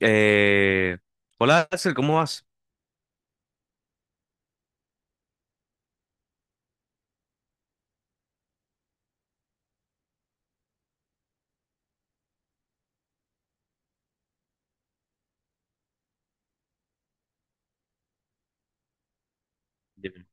Eh, Hola Axel, ¿cómo vas? Dime.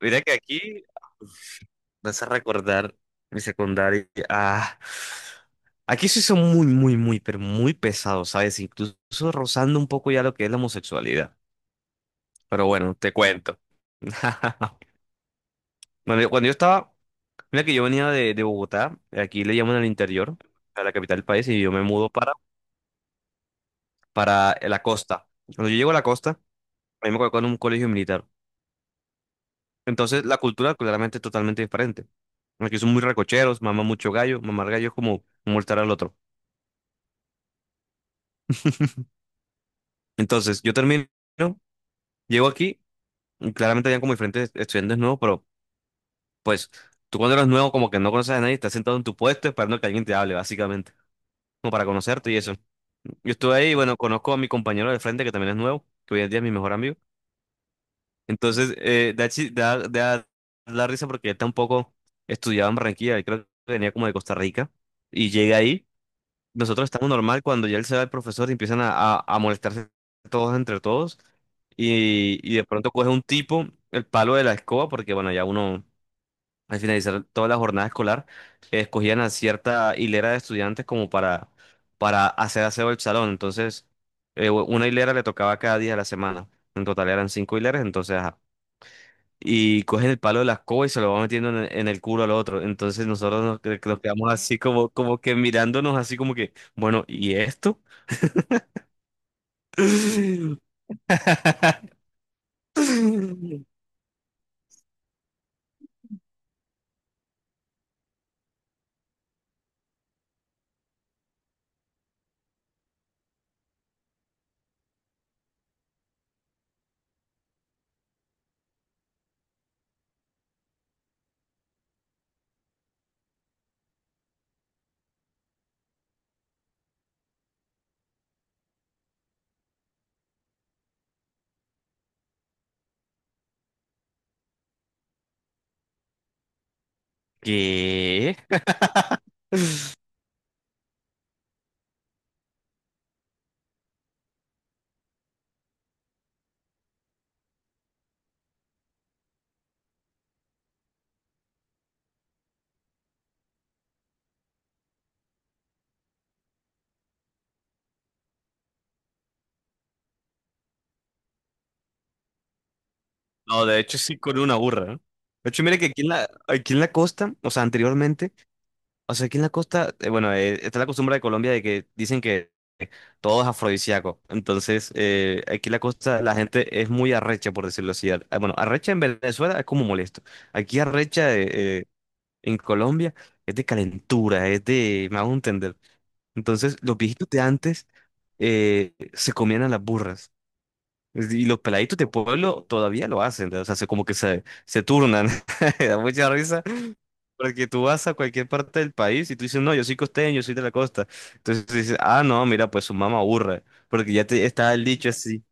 Mira que aquí vas a recordar mi secundaria. Ah, aquí sí son muy, muy, muy, pero muy pesados, ¿sabes? Incluso rozando un poco ya lo que es la homosexualidad. Pero bueno, te cuento. Bueno, cuando yo estaba, mira que yo venía de Bogotá, aquí le llaman al interior, a la capital del país, y yo me mudo para la costa. Cuando yo llego a la costa, a mí me colocó en un colegio militar. Entonces, la cultura claramente es totalmente diferente. Aquí son muy recocheros, maman mucho gallo, mamar gallo es como molestar al otro. Entonces, yo termino, llego aquí, y claramente habían como diferentes estudiantes nuevos, pero pues tú cuando eres nuevo como que no conoces a nadie, estás sentado en tu puesto esperando que alguien te hable, básicamente, como para conocerte y eso. Yo estuve ahí, bueno, conozco a mi compañero de frente que también es nuevo, que hoy en día es mi mejor amigo. Entonces, da, chi- da, da, da risa porque él tampoco estudiaba en Barranquilla, él creo que venía como de Costa Rica y llega ahí. Nosotros estamos normal cuando ya él se va el profesor y empiezan a molestarse todos entre todos. Y de pronto coge un tipo el palo de la escoba, porque bueno, ya uno al finalizar toda la jornada escolar escogían a cierta hilera de estudiantes como para hacer aseo del salón. Entonces, una hilera le tocaba cada día de la semana. En total eran cinco hileras, entonces ajá, y cogen el palo de la escoba y se lo va metiendo en el culo al otro. Entonces nosotros que nos quedamos así como, como que mirándonos así como que, bueno, ¿y esto? ¿Qué? No, de hecho sí con una burra, ¿no? De hecho, mire que aquí en aquí en la costa, o sea, anteriormente, o sea, aquí en la costa, bueno, está la costumbre de Colombia de que dicen que todo es afrodisíaco. Entonces, aquí la cosa, la gente es muy arrecha, por decirlo así. Bueno, arrecha en Venezuela es como molesto. Aquí arrecha en Colombia es de calentura, es de, me hago entender. Entonces, los viejitos de antes se comían a las burras. Y los peladitos de pueblo todavía lo hacen, ¿no? O sea, se, como que se turnan. Da mucha risa. Porque tú vas a cualquier parte del país y tú dices, no, yo soy costeño, yo soy de la costa. Entonces dices, ah, no, mira, pues su mamá aburre. Porque ya te, está el dicho así.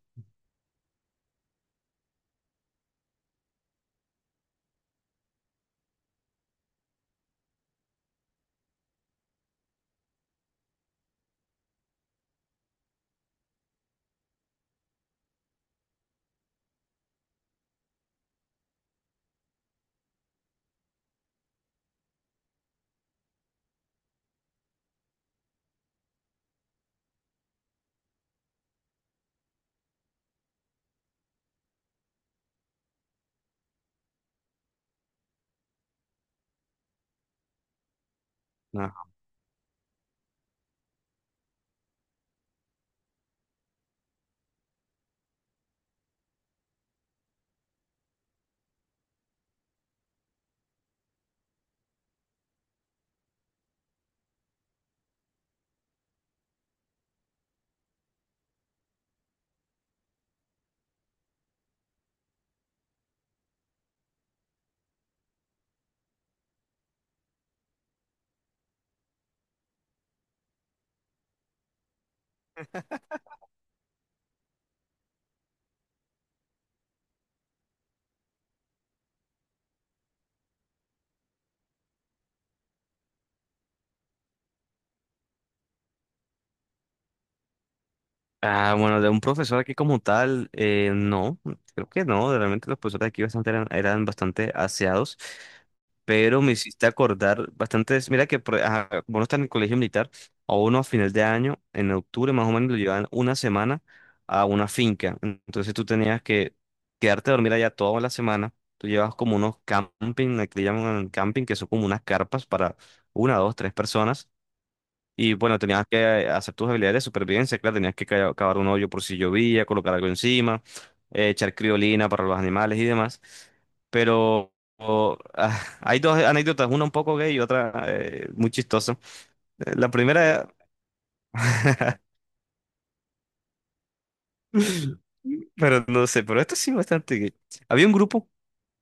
Ah, bueno, de un profesor aquí como tal, no, creo que no, realmente los profesores aquí bastante eran, eran bastante aseados, pero me hiciste acordar bastantes, mira que ajá, como uno está en el colegio militar, a uno a final de año, en octubre más o menos lo llevan una semana a una finca, entonces tú tenías que quedarte a dormir allá toda la semana, tú llevas como unos camping, aquí le llaman camping, que son como unas carpas para una, dos, tres personas. Y bueno, tenías que hacer tus habilidades de supervivencia, claro, tenías que cavar un hoyo por si llovía, colocar algo encima, echar criolina para los animales y demás. Pero hay dos anécdotas, una un poco gay y otra muy chistosa. La primera, pero no sé, pero esto sí bastante gay. Había un grupo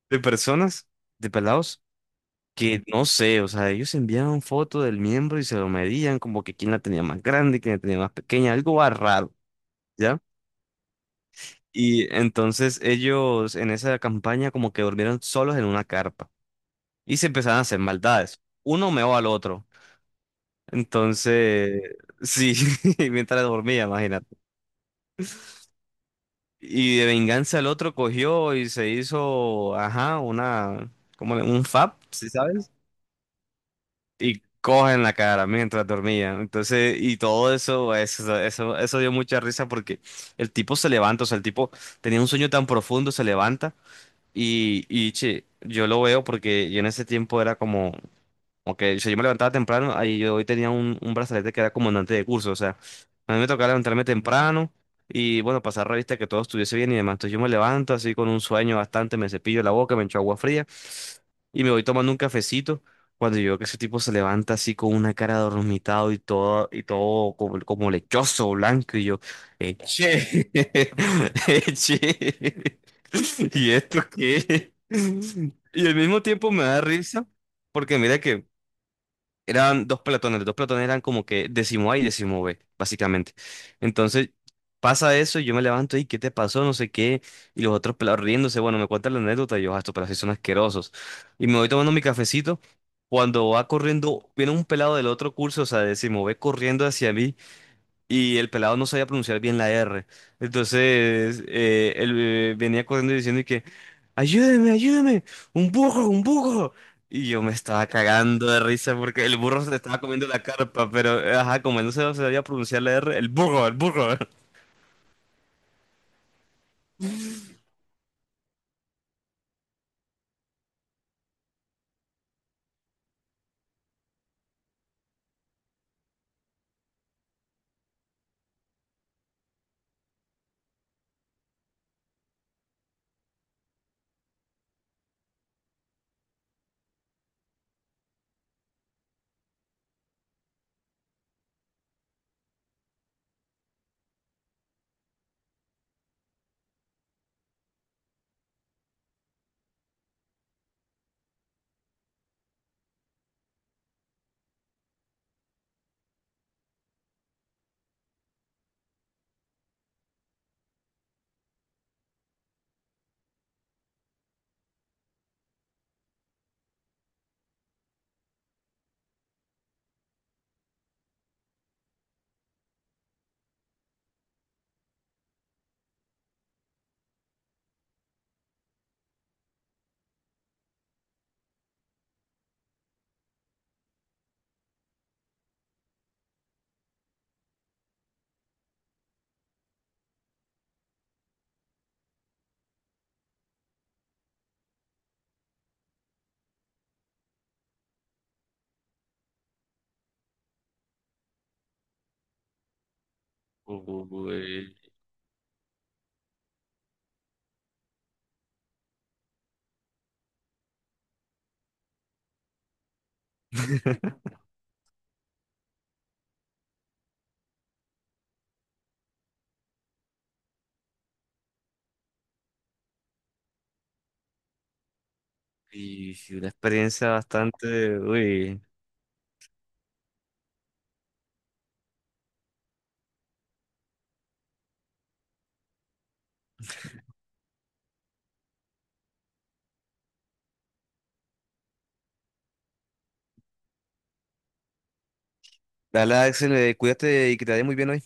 de personas, de pelados, que no sé, o sea, ellos enviaban foto del miembro y se lo medían, como que quién la tenía más grande, quién la tenía más pequeña, algo raro. Y entonces ellos en esa campaña como que durmieron solos en una carpa y se empezaron a hacer maldades. Uno meó al otro. Entonces, sí, mientras dormía, imagínate. Y de venganza el otro cogió y se hizo, ajá, una, como un fab, ¿sí sabes? Y coge en la cara mientras dormía. Entonces, y todo eso dio mucha risa porque el tipo se levanta, o sea, el tipo tenía un sueño tan profundo, se levanta. Y che, yo lo veo porque yo en ese tiempo era como, ok, o sea, yo me levantaba temprano, ahí yo hoy tenía un brazalete que era comandante de curso, o sea, a mí me tocaba levantarme temprano y bueno, pasar revista que todo estuviese bien y demás. Entonces yo me levanto así con un sueño bastante, me cepillo la boca, me echo agua fría y me voy tomando un cafecito. Cuando yo veo que ese tipo se levanta así con una cara dormitado y todo como, como lechoso, blanco, y yo, che, che, ¿y esto qué? Y al mismo tiempo me da risa, porque mira que eran dos pelotones, los dos pelotones eran como que décimo A y décimo B, básicamente. Entonces pasa eso y yo me levanto y ¿qué te pasó? No sé qué. Y los otros pelados riéndose, bueno, me cuentan la anécdota y yo, "Ah, estos pelados sí son asquerosos". Y me voy tomando mi cafecito. Cuando va corriendo, viene un pelado del otro curso, o sea, décimo B, corriendo hacia mí y el pelado no sabía pronunciar bien la R. Entonces, él venía corriendo y diciendo y que, ayúdeme, ayúdeme, un burro, un burro. Y yo me estaba cagando de risa porque el burro se le estaba comiendo la carpa, pero, ajá, como él no se sabía pronunciar la R, el burro, el burro. Uy, y sí, una experiencia bastante, uy. Dale, Axel, cuídate y que te vaya muy bien hoy.